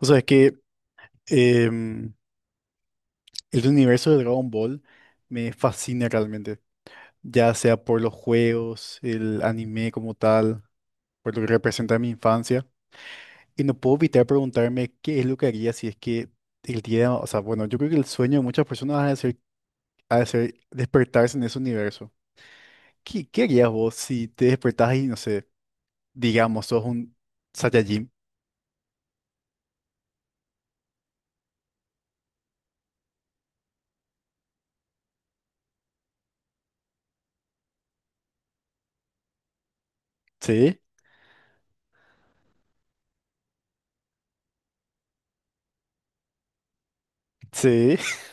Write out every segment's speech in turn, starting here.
O sea, es que em, el universo de Dragon Ball me fascina realmente, ya sea por los juegos, el anime como tal, por lo que representa mi infancia. Y no puedo evitar preguntarme qué es lo que haría si es que el día, o sea, bueno, yo creo que el sueño de muchas personas ha de ser despertarse en ese universo. ¿Qué harías vos si te despertás y, no sé, digamos, sos un Saiyajin? ¿Sí? ¿Sí?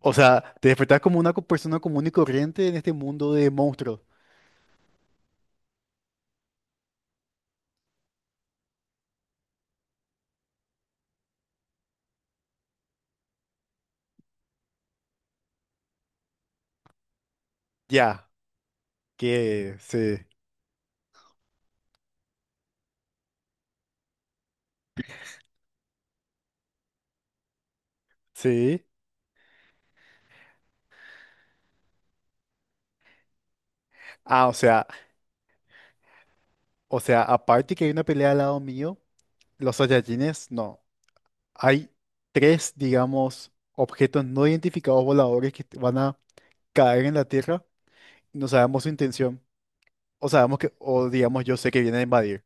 O sea, te despertás como una persona común y corriente en este mundo de monstruos. Ya, que sí, sí. Ah, o sea, aparte que hay una pelea al lado mío, los Saiyajines, no. Hay tres, digamos, objetos no identificados voladores que van a caer en la Tierra. No sabemos su intención. O sabemos que, o digamos, yo sé que vienen a invadir.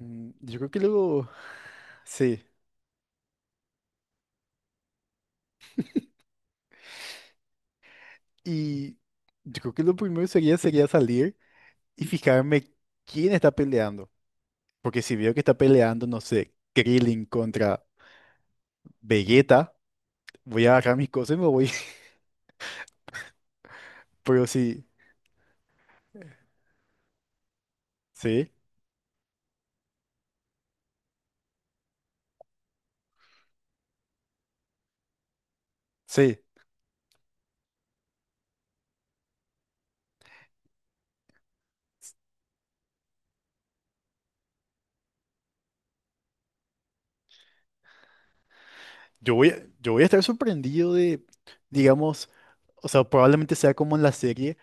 Mm, yo creo que luego, sí. Y yo creo que lo primero sería salir y fijarme quién está peleando. Porque si veo que está peleando, no sé, Krillin contra Vegeta. Voy a agarrar mis cosas y me voy. Pero sí, sí, sí. Yo voy, yo voy a estar sorprendido de, digamos, o sea, probablemente sea como en la serie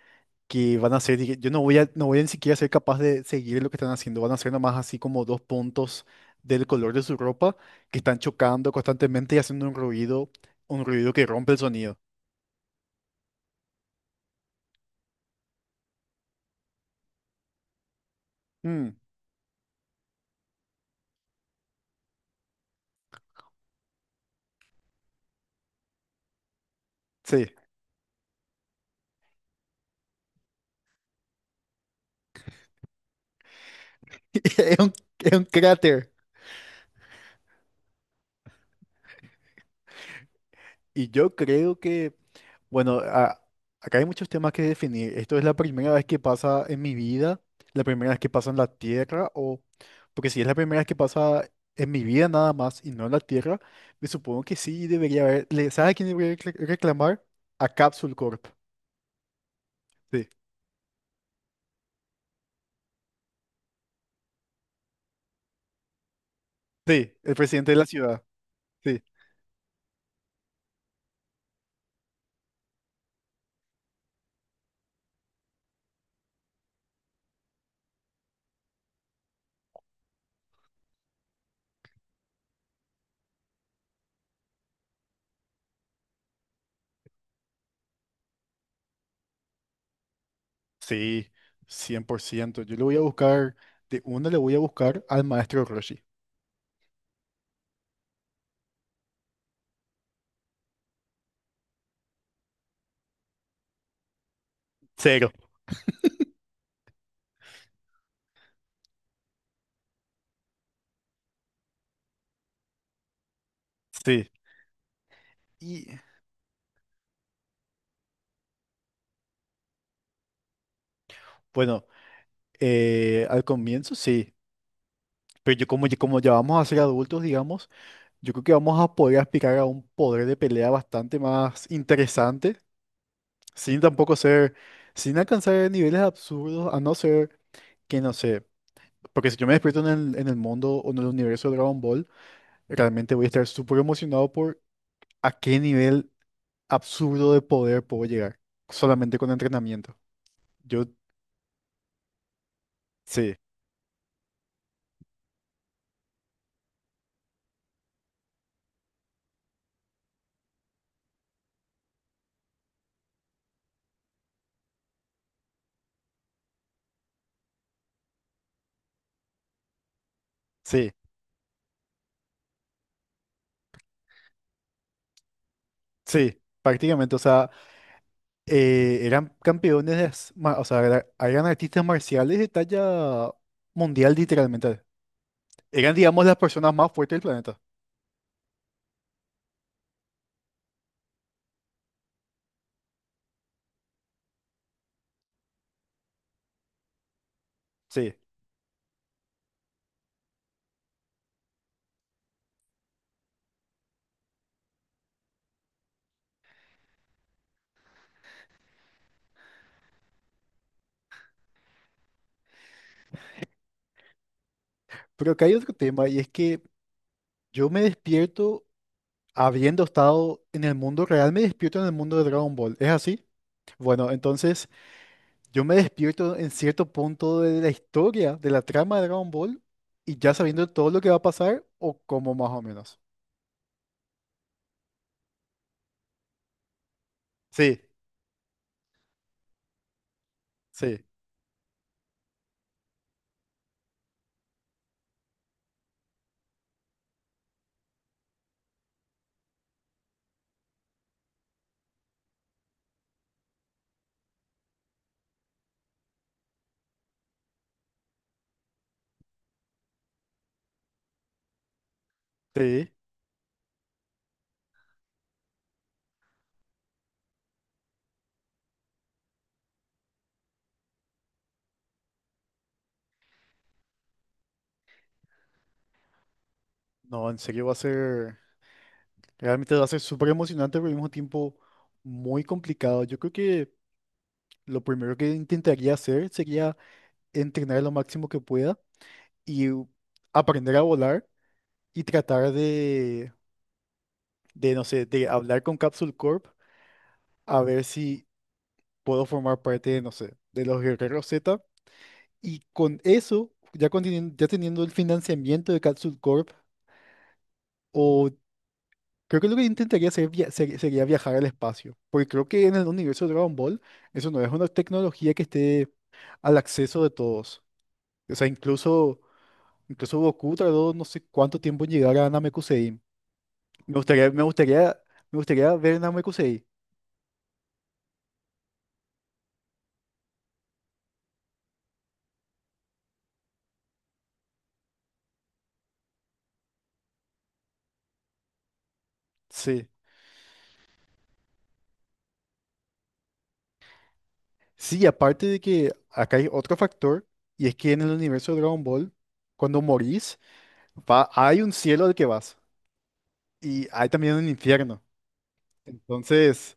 que van a ser, dije, yo no voy a, no voy a ni siquiera ser capaz de seguir lo que están haciendo. Van a ser nomás así como dos puntos del color de su ropa que están chocando constantemente y haciendo un ruido que rompe el sonido. Mm, sí. Es un, es un cráter. Y yo creo que bueno, acá hay muchos temas que definir. Esto es la primera vez que pasa en mi vida, la primera vez que pasa en la Tierra, o porque si es la primera vez que pasa en mi vida nada más y no en la Tierra, me supongo que sí debería haber. ¿Sabes a quién debería reclamar? A Capsule Corp. Sí, sí, el presidente de la ciudad. Sí. Sí, cien por ciento. Yo le voy a buscar, de una le voy a buscar al maestro Roshi. Cero, sí. Y bueno, al comienzo sí, pero yo como, como ya vamos a ser adultos, digamos, yo creo que vamos a poder aspirar a un poder de pelea bastante más interesante, sin tampoco ser, sin alcanzar niveles absurdos, a no ser que, no sé, porque si yo me despierto en el mundo o en el universo de Dragon Ball, realmente voy a estar súper emocionado por a qué nivel absurdo de poder puedo llegar, solamente con entrenamiento. Yo, sí, sí, sí, prácticamente, o sea... eran campeones de, o sea, eran artistas marciales de talla mundial, literalmente. Eran, digamos, las personas más fuertes del planeta. Sí. Pero acá hay otro tema y es que yo me despierto habiendo estado en el mundo real, me despierto en el mundo de Dragon Ball. ¿Es así? Bueno, entonces yo me despierto en cierto punto de la historia, de la trama de Dragon Ball y ya sabiendo todo lo que va a pasar o como más o menos. Sí, sí, sí. No, en serio va a ser. Realmente va a ser súper emocionante, pero al mismo tiempo muy complicado. Yo creo que lo primero que intentaría hacer sería entrenar lo máximo que pueda y aprender a volar y tratar de, no sé, de hablar con Capsule Corp a ver si puedo formar parte de, no sé, de los Guerreros Z. Y con eso, ya, con ya teniendo el financiamiento de Capsule Corp o creo que lo que intentaría sería viajar al espacio, porque creo que en el universo de Dragon Ball eso no es una tecnología que esté al acceso de todos. O sea, incluso, incluso Goku tardó no sé cuánto tiempo en llegar a Namekusei. Me gustaría, me gustaría, me gustaría ver Namekusei. Sí. Sí, aparte de que acá hay otro factor, y es que en el universo de Dragon Ball, cuando morís, va, hay un cielo al que vas, y hay también un infierno. Entonces...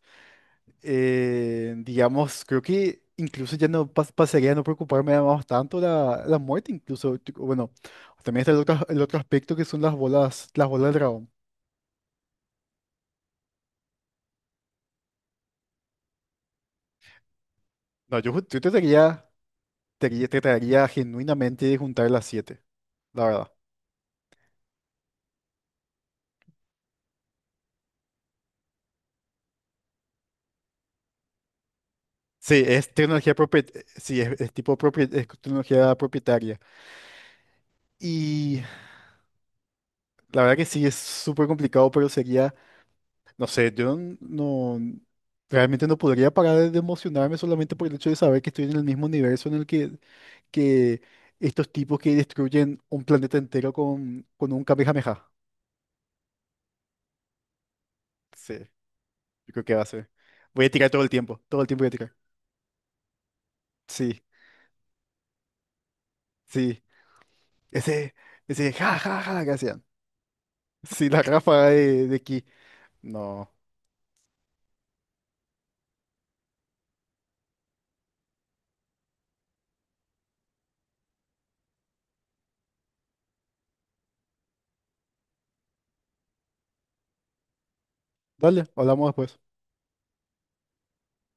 digamos, creo que incluso ya no pasaría a no preocuparme más tanto la muerte, incluso, tipo, bueno, también está el otro aspecto que son las bolas del dragón. No, yo, yo trataría, trataría genuinamente de juntar las siete, la verdad. Sí, es tecnología propietaria, sí, es tipo es tecnología propietaria. Y la verdad que sí, es súper complicado, pero sería... No sé, yo no realmente no podría parar de emocionarme solamente por el hecho de saber que estoy en el mismo universo en el que estos tipos que destruyen un planeta entero con un Kamehameha. Sí, yo creo que va a ser. Voy a tirar todo el tiempo voy a tirar. Sí, sí. Ese, ese ja, ja, ja que hacían. Sí, la ráfaga de ki. No. Dale, hablamos después.